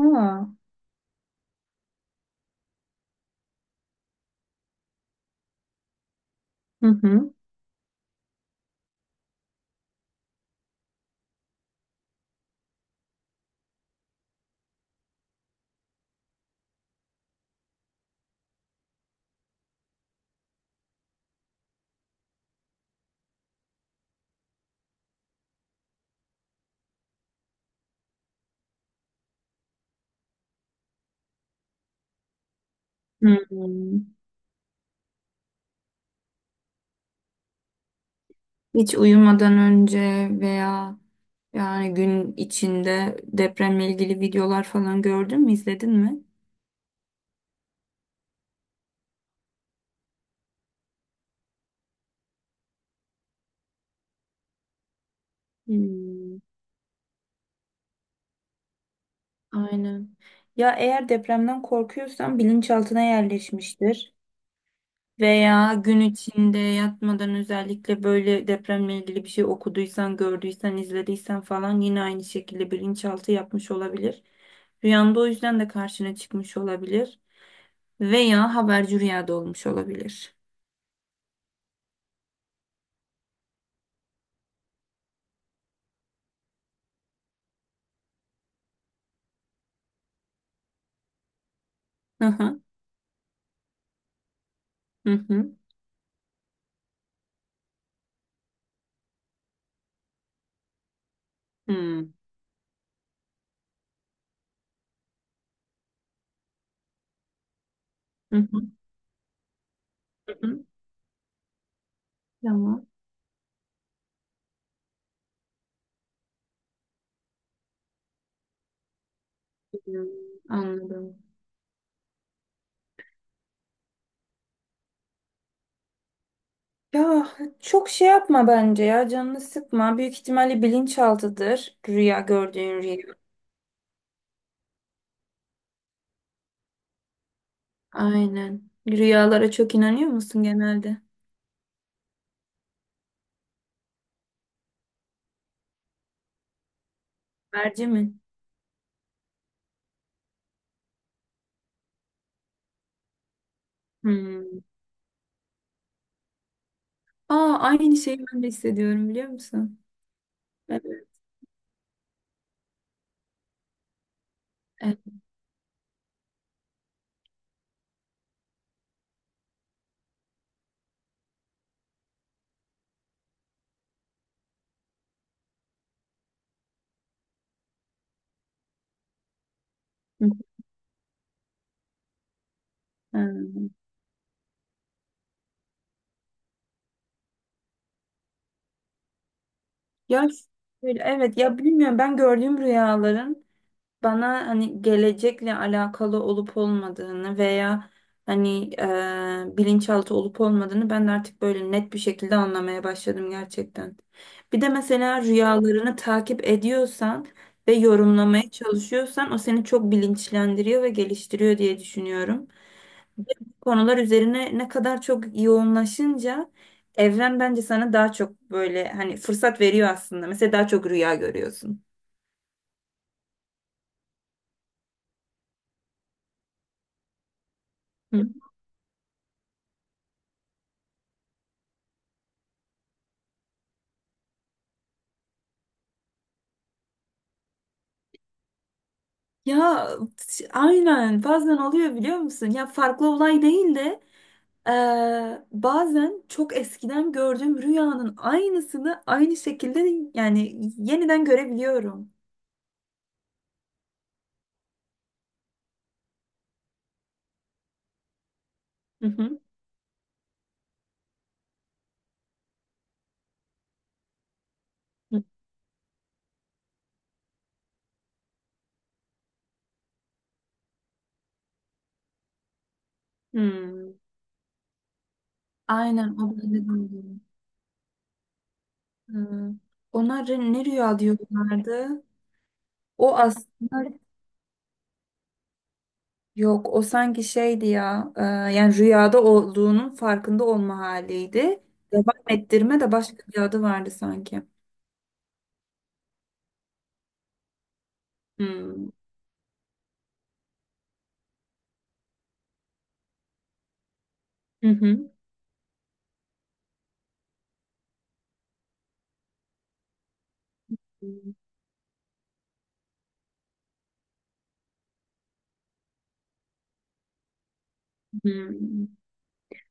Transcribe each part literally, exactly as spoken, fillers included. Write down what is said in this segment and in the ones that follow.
Aa. Hı hı. Hmm. Hiç uyumadan önce veya yani gün içinde depremle ilgili videolar falan gördün mü, izledin mi? Hmm. Aynen. Ya eğer depremden korkuyorsan bilinçaltına yerleşmiştir. Veya gün içinde yatmadan özellikle böyle depremle ilgili bir şey okuduysan, gördüysen, izlediysen falan yine aynı şekilde bilinçaltı yapmış olabilir. Rüyanda o yüzden de karşına çıkmış olabilir veya haberci rüyada olmuş olabilir. Hı hı. Hı hı. Hı hı. Hı hı. Tamam. Hı, tamam. Anladım. Ya çok şey yapma bence, ya canını sıkma. Büyük ihtimalle bilinçaltıdır rüya gördüğün rüya. Aynen. Rüyalara çok inanıyor musun genelde? Merci mi? Hmm. Aa, aynı şeyi ben de hissediyorum biliyor musun? Evet. Evet. Hı. Ya şöyle, evet, ya bilmiyorum, ben gördüğüm rüyaların bana hani gelecekle alakalı olup olmadığını veya hani e, bilinçaltı olup olmadığını ben de artık böyle net bir şekilde anlamaya başladım gerçekten. Bir de mesela rüyalarını takip ediyorsan ve yorumlamaya çalışıyorsan o seni çok bilinçlendiriyor ve geliştiriyor diye düşünüyorum. Konular üzerine ne kadar çok yoğunlaşınca evren bence sana daha çok böyle hani fırsat veriyor aslında. Mesela daha çok rüya görüyorsun. Hı. Ya aynen, bazen oluyor biliyor musun? Ya farklı olay değil de eee, bazen çok eskiden gördüğüm rüyanın aynısını aynı şekilde yani yeniden görebiliyorum. Hı hı. Hı. Hmm. Aynen, o böyle de oluyor. Hı. Ona rü- ne rüya diyorlardı? O aslında yok, o sanki şeydi ya, eee, yani rüyada olduğunun farkında olma haliydi. Devam ettirme de başka bir adı vardı sanki. Hı. Hı hı. Hmm.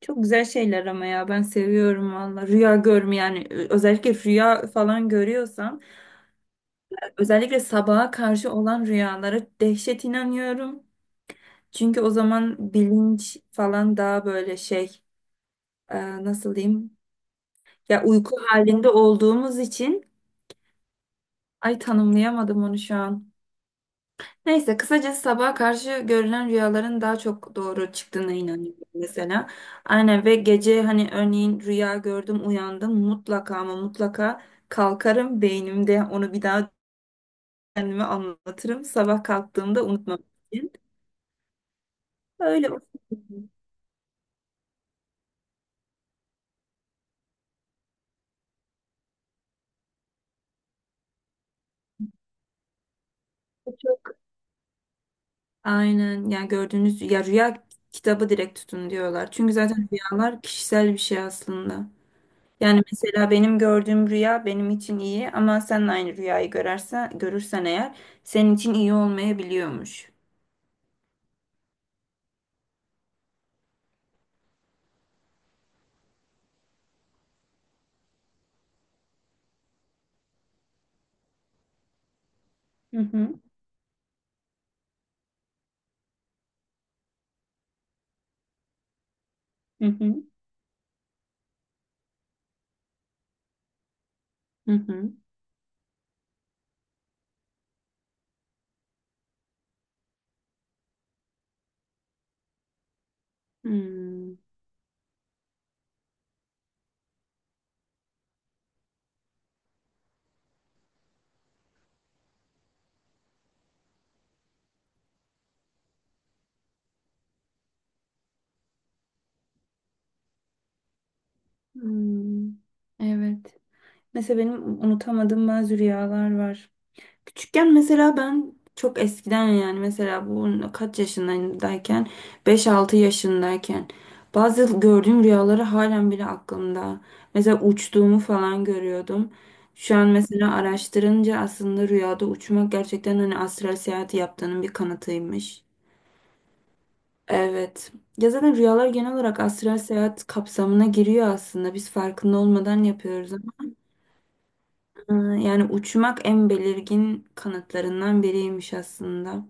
Çok güzel şeyler ama ya, ben seviyorum valla. Rüya görme, yani ö- özellikle rüya falan görüyorsam özellikle sabaha karşı olan rüyalara dehşet inanıyorum. Çünkü o zaman bilinç falan daha böyle şey, e, nasıl diyeyim, ya uyku halinde olduğumuz için ay, tanımlayamadım onu şu an. Neyse, kısacası sabaha karşı görülen rüyaların daha çok doğru çıktığına inanıyorum mesela. Aynen. Ve gece hani örneğin rüya gördüm uyandım, mutlaka ama mutlaka kalkarım, beynimde onu bir daha kendime anlatırım. Sabah kalktığımda unutmam için. Öyle. Aynen, yani gördüğünüz ya, rüya kitabı direkt tutun diyorlar. Çünkü zaten rüyalar kişisel bir şey aslında. Yani mesela benim gördüğüm rüya benim için iyi ama sen de aynı rüyayı görürsen, görürsen eğer senin için iyi olmayabiliyormuş. Hı hı, hı hı, hı hı. Hmm, hmm. Evet. Mesela benim unutamadığım bazı rüyalar var. Küçükken mesela ben çok eskiden, yani mesela bu kaç yaşındayken, beş altı yaşındayken bazı gördüğüm rüyaları halen bile aklımda. Mesela uçtuğumu falan görüyordum. Şu an mesela araştırınca aslında rüyada uçmak gerçekten hani astral seyahati yaptığının bir kanıtıymış. Evet. Ya zaten rüyalar genel olarak astral seyahat kapsamına giriyor aslında. Biz farkında olmadan yapıyoruz ama e, yani uçmak en belirgin kanıtlarından biriymiş aslında.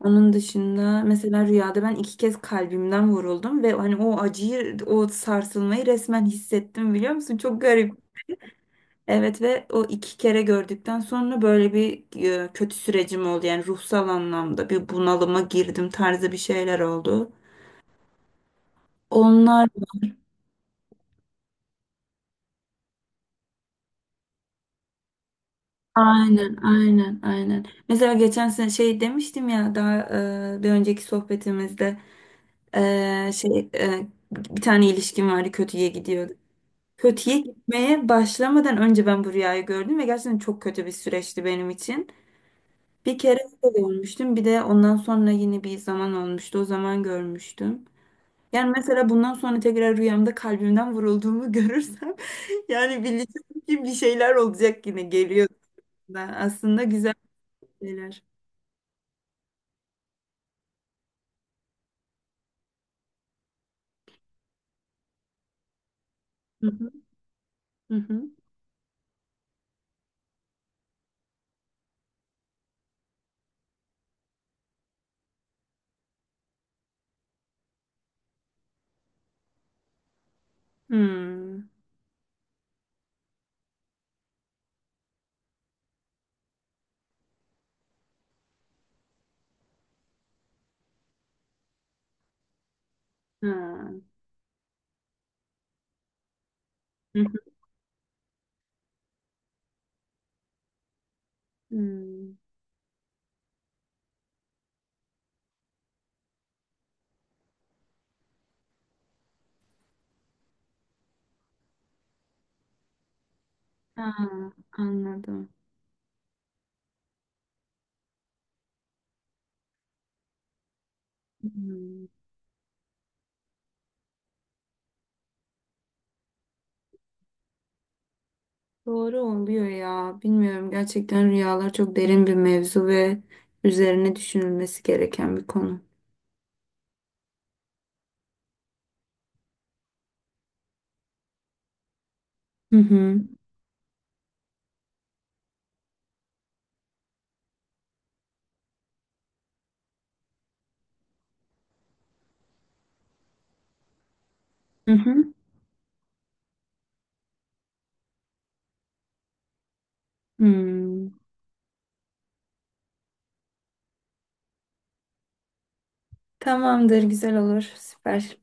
Onun dışında mesela rüyada ben iki kez kalbimden vuruldum ve hani o acıyı, o sarsılmayı resmen hissettim biliyor musun? Çok garip. Evet. Ve o iki kere gördükten sonra böyle bir e, kötü sürecim oldu. Yani ruhsal anlamda bir bunalıma girdim tarzı bir şeyler oldu. Onlar aynen, aynen, aynen. Mesela geçen sene şey demiştim ya, daha e, bir önceki sohbetimizde, e, şey e, bir tane ilişkim vardı, kötüye gidiyor. Kötüye gitmeye başlamadan önce ben bu rüyayı gördüm ve gerçekten çok kötü bir süreçti benim için. Bir kere öyle görmüştüm. Bir de ondan sonra yine bir zaman olmuştu, o zaman görmüştüm. Yani mesela bundan sonra tekrar rüyamda kalbimden vurulduğumu görürsem yani bileceğim ki bir şeyler olacak, yine geliyor da. Aslında güzel şeyler. Hı hı. Hı hı. Hmm. Ha. Hı hı. Hmm. Ha, anladım. Hmm. Doğru oluyor ya. Bilmiyorum, gerçekten rüyalar çok derin bir mevzu ve üzerine düşünülmesi gereken bir konu. Hı hı. Hı hı. Hmm. Tamamdır, güzel olur. Süper.